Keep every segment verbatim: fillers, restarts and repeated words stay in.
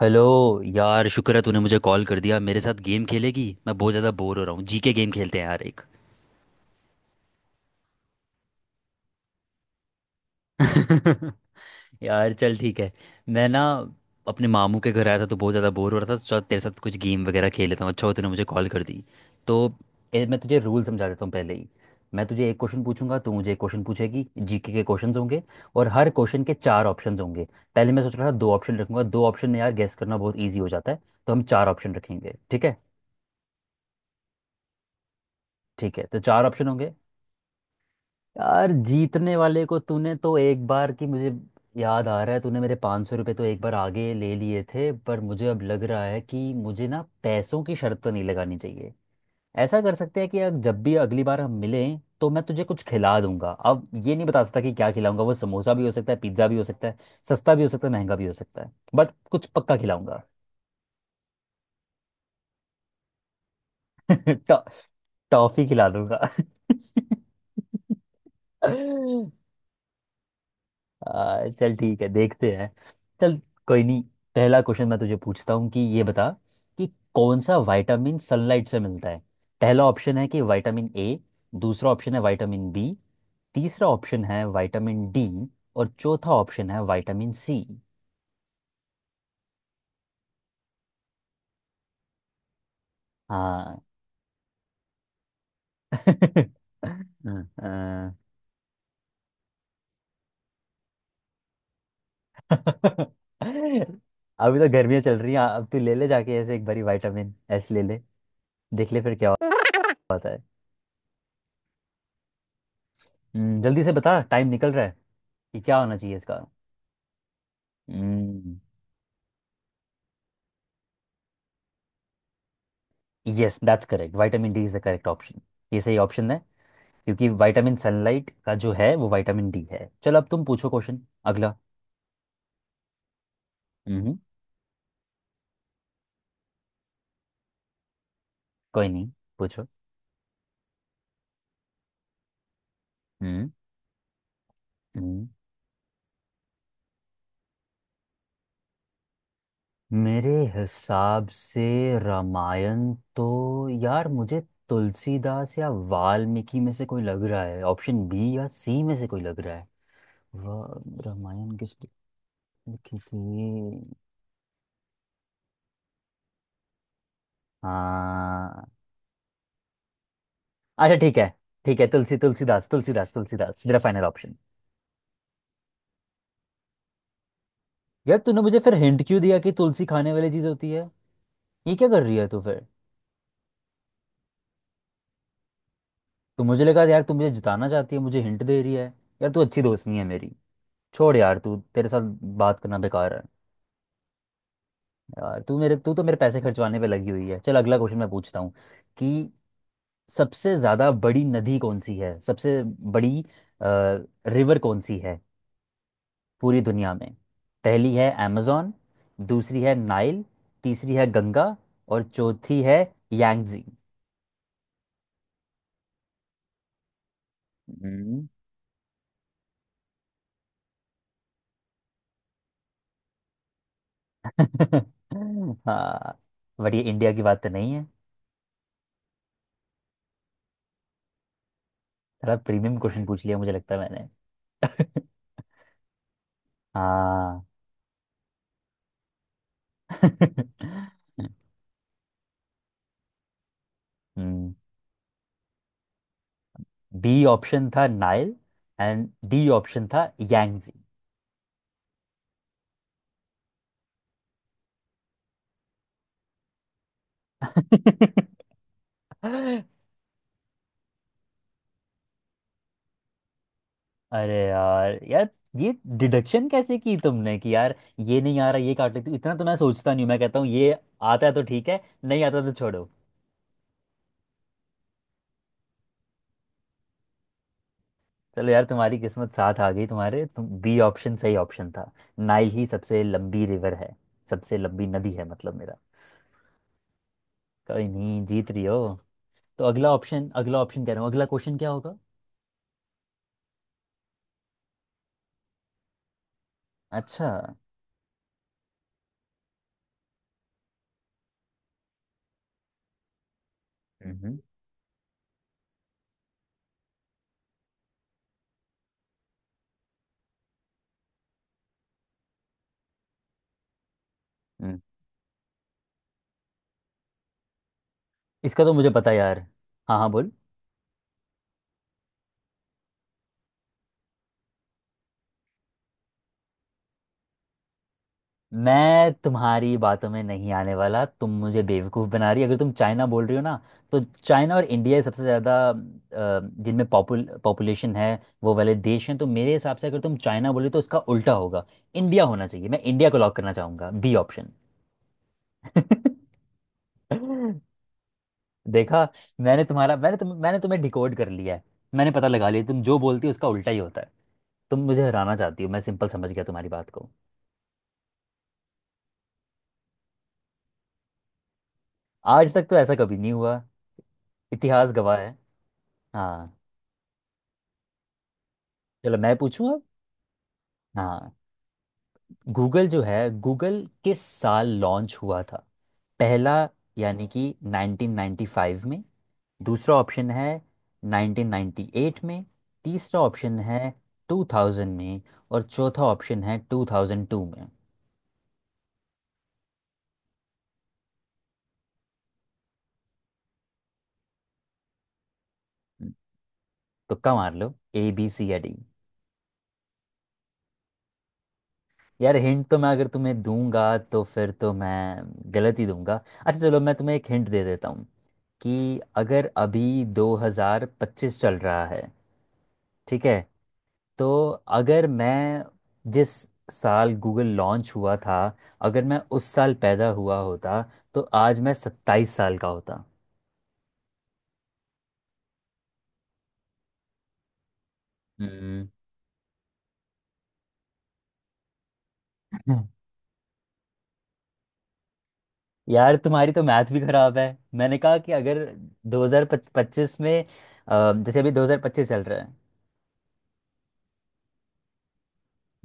Hello. यार शुक्र है तूने मुझे कॉल कर दिया। मेरे साथ गेम खेलेगी? मैं बहुत ज़्यादा बोर हो रहा हूँ। जीके गेम खेलते हैं यार एक। यार चल ठीक है। मैं ना अपने मामू के घर आया था तो बहुत ज़्यादा बोर हो रहा था तो चल तेरे साथ कुछ गेम वगैरह खेल लेता हूँ। अच्छा हो तूने मुझे कॉल कर दी। तो ए, मैं तुझे रूल समझा देता हूँ पहले ही। मैं तुझे एक क्वेश्चन पूछूंगा, तू मुझे एक क्वेश्चन पूछेगी। जीके के क्वेश्चंस होंगे और हर क्वेश्चन के चार ऑप्शंस होंगे। पहले मैं सोच रहा था दो ऑप्शन रखूंगा, दो ऑप्शन में यार गेस करना बहुत ईजी हो जाता है तो हम चार ऑप्शन रखेंगे, ठीक है? ठीक है तो चार ऑप्शन होंगे। यार जीतने वाले को तूने तो एक बार की मुझे याद आ रहा है तूने मेरे 500 सौ रुपये तो एक बार आगे ले लिए थे, पर मुझे अब लग रहा है कि मुझे ना पैसों की शर्त तो नहीं लगानी चाहिए। ऐसा कर सकते हैं कि अब जब भी अगली बार हम मिलें तो मैं तुझे कुछ खिला दूंगा। अब ये नहीं बता सकता कि क्या खिलाऊंगा, वो समोसा भी हो सकता है पिज्ज़ा भी हो सकता है, सस्ता भी हो सकता है महंगा भी हो सकता है, बट कुछ पक्का खिलाऊंगा। टॉ- टॉफी खिला दूंगा। आ, चल ठीक है देखते हैं। चल। कोई नहीं। पहला क्वेश्चन मैं तुझे पूछता हूँ कि ये बता कि कौन सा विटामिन सनलाइट से मिलता है। पहला ऑप्शन है कि विटामिन ए, दूसरा ऑप्शन है विटामिन बी, तीसरा ऑप्शन है विटामिन डी, और चौथा ऑप्शन है विटामिन सी। हाँ। हाँ। अभी तो गर्मियाँ चल रही हैं, अब तू ले ले, जाके ऐसे एक बारी विटामिन एस ले ले, देख ले फिर क्या होता है। हम्म, जल्दी से बता, टाइम निकल रहा है कि क्या होना चाहिए इसका। Yes that's correct, vitamin D is the correct option. ये सही ऑप्शन है क्योंकि विटामिन सनलाइट का जो है वो विटामिन डी है। चलो अब तुम पूछो क्वेश्चन, अगला। हम्म। कोई नहीं। पूछो। हम्म। हम्म। मेरे हिसाब से रामायण तो, यार मुझे तुलसीदास या वाल्मीकि में से कोई लग रहा है, ऑप्शन बी या सी में से कोई लग रहा है। वा- रामायण किस लिखी थी। हाँ। अच्छा ठीक है, ठीक है। तुलसी तुलसीदास, तुलसीदास तुलसीदास मेरा फाइनल ऑप्शन। यार तूने मुझे फिर हिंट क्यों दिया कि तुलसी खाने वाली चीज होती है? ये क्या कर रही है तू फिर? तू मुझे लगा यार तू मुझे जिताना चाहती है, मुझे हिंट दे रही है। यार तू अच्छी दोस्त नहीं है मेरी। छोड़ यार, तू तेरे साथ बात करना बेकार है। यार तू मेरे तू तो मेरे पैसे खर्चवाने पे लगी हुई है। चल अगला क्वेश्चन मैं पूछता हूँ कि सबसे ज्यादा बड़ी नदी कौन सी है, सबसे बड़ी रिवर कौन सी है पूरी दुनिया में। पहली है amazon, दूसरी है नाइल, तीसरी है गंगा, और चौथी है यांगजी। हम्म, हाँ, बट ये इंडिया की बात तो नहीं है। थोड़ा प्रीमियम क्वेश्चन पूछ लिया मुझे लगता है मैंने। हाँ। हम्म बी ऑप्शन था नाइल, एंड डी ऑप्शन था यांगजी। अरे यार यार, ये डिडक्शन कैसे की तुमने कि यार ये नहीं आ रहा ये काट लेती हूँ? इतना तो मैं सोचता नहीं हूँ। मैं कहता हूँ ये आता है तो ठीक है, नहीं आता तो छोड़ो। चलो यार, तुम्हारी किस्मत साथ आ गई तुम्हारे तुम बी ऑप्शन सही ऑप्शन था। नाइल ही सबसे लंबी रिवर है, सबसे लंबी नदी है मतलब मेरा। कोई नहीं, जीत रही हो। तो अगला ऑप्शन, अगला ऑप्शन, कह रहा हूँ अगला क्वेश्चन क्या होगा। अच्छा। हम्म। हम्म। हम्म। इसका तो मुझे पता है यार। हाँ हाँ बोल। मैं तुम्हारी बातों में नहीं आने वाला, तुम मुझे बेवकूफ़ बना रही हो। अगर तुम चाइना बोल रही हो ना तो चाइना और इंडिया ही सबसे ज़्यादा, अ, जिनमें पॉपुल पॉपुलेशन है वो वाले देश हैं। तो मेरे हिसाब से अगर तुम चाइना बोले तो उसका उल्टा होगा, इंडिया होना चाहिए। मैं इंडिया को लॉक करना चाहूंगा, बी ऑप्शन। देखा, मैंने तुम्हारा मैंने तुम मैंने तुम्हें डिकोड कर लिया है। मैंने पता लगा लिया तुम जो बोलती हो उसका उल्टा ही होता है। तुम मुझे हराना चाहती हो, मैं सिंपल समझ गया तुम्हारी बात को। आज तक तो ऐसा कभी नहीं हुआ, इतिहास गवाह है। हाँ। चलो मैं पूछूं अब। हाँ। गूगल जो है, गूगल किस साल लॉन्च हुआ था? पहला, यानी कि नाइन्टीन नाइन्टी फ़ाइव में, दूसरा ऑप्शन है नाइन्टीन नाइन्टी एट में, तीसरा ऑप्शन है टू थाउज़ेंड में, और चौथा ऑप्शन है टू थाउज़ेंड टू में। तुक्का मार लो, ए बी सी या डी। यार हिंट तो मैं अगर तुम्हें दूंगा तो फिर तो मैं गलत ही दूंगा। अच्छा चलो मैं तुम्हें एक हिंट दे देता हूँ कि अगर अभी दो हज़ार पच्चीस चल रहा है, ठीक है, तो अगर मैं जिस साल गूगल लॉन्च हुआ था अगर मैं उस साल पैदा हुआ होता तो आज मैं सत्ताईस साल का होता। हम्म। यार तुम्हारी तो मैथ भी खराब है। मैंने कहा कि अगर दो हज़ार पच्चीस में, अ, जैसे अभी दो हज़ार पच्चीस चल रहा है।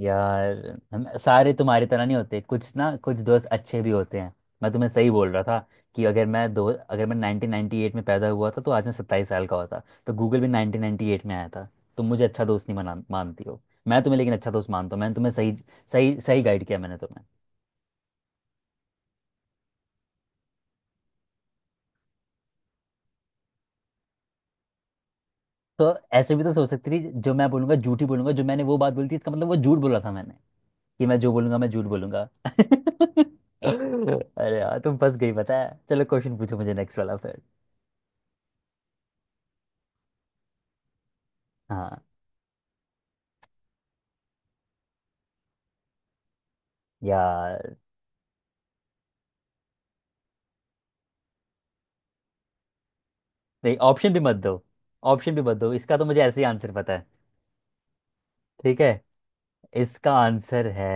यार हम सारे तुम्हारी तरह नहीं होते, कुछ ना कुछ दोस्त अच्छे भी होते हैं। मैं तुम्हें सही बोल रहा था कि अगर मैं दो अगर मैं नाइन्टीन नाइन्टी एट में पैदा हुआ था तो आज मैं सत्ताईस साल का होता। तो गूगल भी नाइन्टीन नाइन्टी एट में आया था। तुम मुझे अच्छा दोस्त नहीं मना मानती हो, मैं तुम्हें लेकिन अच्छा दोस्त मानता हूँ। मैंने तुम्हें सही सही सही गाइड किया मैंने तुम्हें। तो ऐसे भी तो सोच सकती थी जो मैं बोलूंगा झूठ ही बोलूंगा, जो मैंने वो बात बोली थी इसका मतलब वो झूठ बोला था मैंने, कि मैं जो बोलूंगा मैं झूठ बोलूंगा। अरे यार तुम फंस गई पता है। चलो क्वेश्चन पूछो मुझे नेक्स्ट वाला फिर। हाँ। यार नहीं, ऑप्शन भी मत दो, ऑप्शन भी मत दो, इसका तो मुझे ऐसे ही आंसर पता है। ठीक है, इसका आंसर है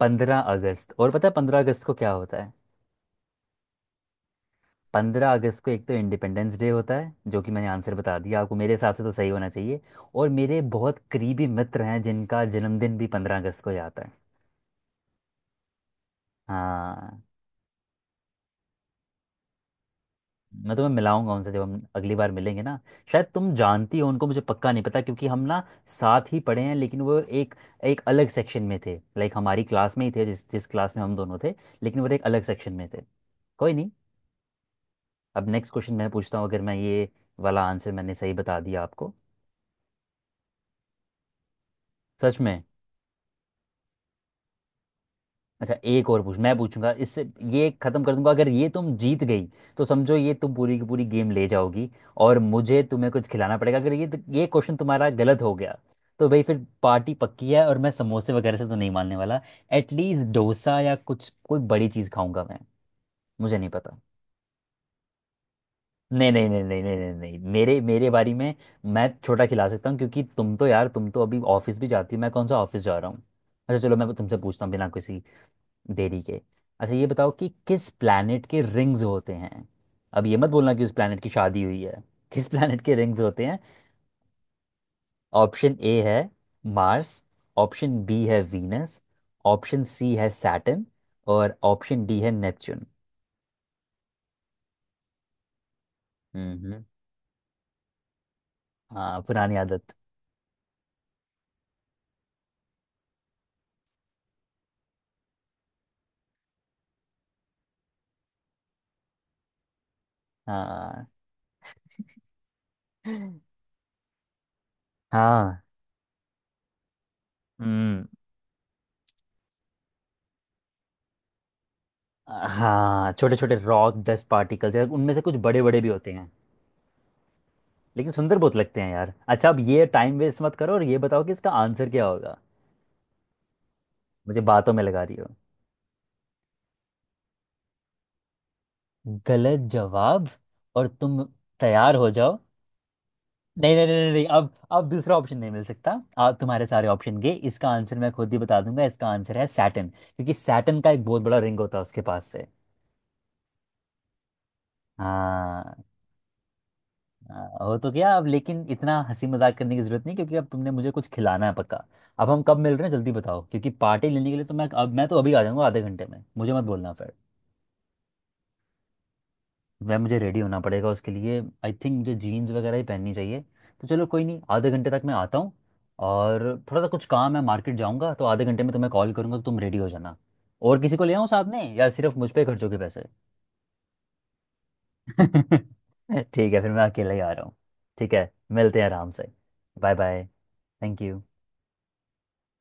पंद्रह अगस्त। और पता है पंद्रह अगस्त को क्या होता है? पंद्रह अगस्त को एक तो इंडिपेंडेंस डे होता है जो कि मैंने आंसर बता दिया आपको, मेरे हिसाब से तो सही होना चाहिए। और मेरे बहुत करीबी मित्र हैं जिनका जन्मदिन भी पंद्रह अगस्त को ही आता है। हाँ। मैं तुम्हें मिलाऊंगा उनसे जब हम अगली बार मिलेंगे ना। शायद तुम जानती हो उनको, मुझे पक्का नहीं पता, क्योंकि हम ना साथ ही पढ़े हैं लेकिन वो एक एक अलग सेक्शन में थे, लाइक हमारी क्लास में ही थे जिस जिस क्लास में हम दोनों थे लेकिन वो एक अलग सेक्शन में थे। कोई नहीं। अब नेक्स्ट क्वेश्चन मैं पूछता हूँ, अगर मैं ये वाला आंसर मैंने सही बता दिया आपको। सच में। अच्छा, एक और पूछ, मैं पूछूंगा, इससे ये खत्म कर दूंगा। अगर ये तुम जीत गई तो समझो ये तुम पूरी की पूरी गेम ले जाओगी और मुझे तुम्हें कुछ खिलाना पड़ेगा। अगर ये, ये क्वेश्चन तुम्हारा गलत हो गया तो भाई फिर पार्टी पक्की है, और मैं समोसे वगैरह से तो नहीं मानने वाला, एटलीस्ट डोसा या कुछ कोई बड़ी चीज़ खाऊंगा मैं। मुझे नहीं पता। नहीं नहीं नहीं नहीं नहीं नहीं नहीं, मेरे मेरे बारी में मैं छोटा खिला सकता हूँ क्योंकि तुम तो यार, तुम तो अभी ऑफिस भी जाती हो, मैं कौन सा ऑफिस जा रहा हूँ। अच्छा चलो मैं तुमसे पूछता हूँ बिना किसी देरी के। अच्छा ये बताओ कि किस प्लैनेट के रिंग्स होते हैं? अब ये मत बोलना कि उस प्लैनेट की शादी हुई है। किस प्लैनेट के रिंग्स होते हैं? ऑप्शन ए है मार्स, ऑप्शन बी है वीनस, ऑप्शन सी है सैटर्न, और ऑप्शन डी है नेपच्यून। हम्म। हाँ, पुरानी आदत। हाँ। हाँ। हम्म। हाँ, छोटे छोटे रॉक डस्ट पार्टिकल्स, उनमें से कुछ बड़े बड़े भी होते हैं लेकिन सुंदर बहुत लगते हैं यार। अच्छा अब ये टाइम वेस्ट मत करो और ये बताओ कि इसका आंसर क्या होगा। मुझे बातों में लगा रही हो। गलत जवाब। और तुम तैयार हो जाओ। नहीं नहीं नहीं नहीं नहीं, अब अब दूसरा ऑप्शन नहीं मिल सकता। आप तुम्हारे सारे ऑप्शन गए। इसका आंसर मैं खुद ही बता दूंगा, इसका आंसर है सैटन क्योंकि सैटन का एक बहुत बड़ा रिंग होता है उसके पास से। हाँ। हाँ, हो तो गया अब, लेकिन इतना हंसी मजाक करने की जरूरत नहीं क्योंकि अब तुमने मुझे कुछ खिलाना है पक्का। अब हम कब मिल रहे हैं जल्दी बताओ क्योंकि पार्टी लेने के लिए तो मैं अब, मैं तो अभी आ जाऊंगा आधे घंटे में मुझे मत बोलना। वह, मुझे रेडी होना पड़ेगा उसके लिए, आई थिंक मुझे जीन्स वगैरह ही पहननी चाहिए। तो चलो कोई नहीं, आधे घंटे तक मैं आता हूँ। और थोड़ा सा कुछ काम है, मार्केट जाऊँगा, तो आधे घंटे में तुम्हें कॉल करूँगा तो तुम रेडी हो जाना। और किसी को ले आऊँ साथ में या सिर्फ मुझ पे खर्च होगे पैसे? ठीक है फिर मैं अकेला ही आ रहा हूँ। ठीक है मिलते हैं आराम से। Bye bye. Thank you.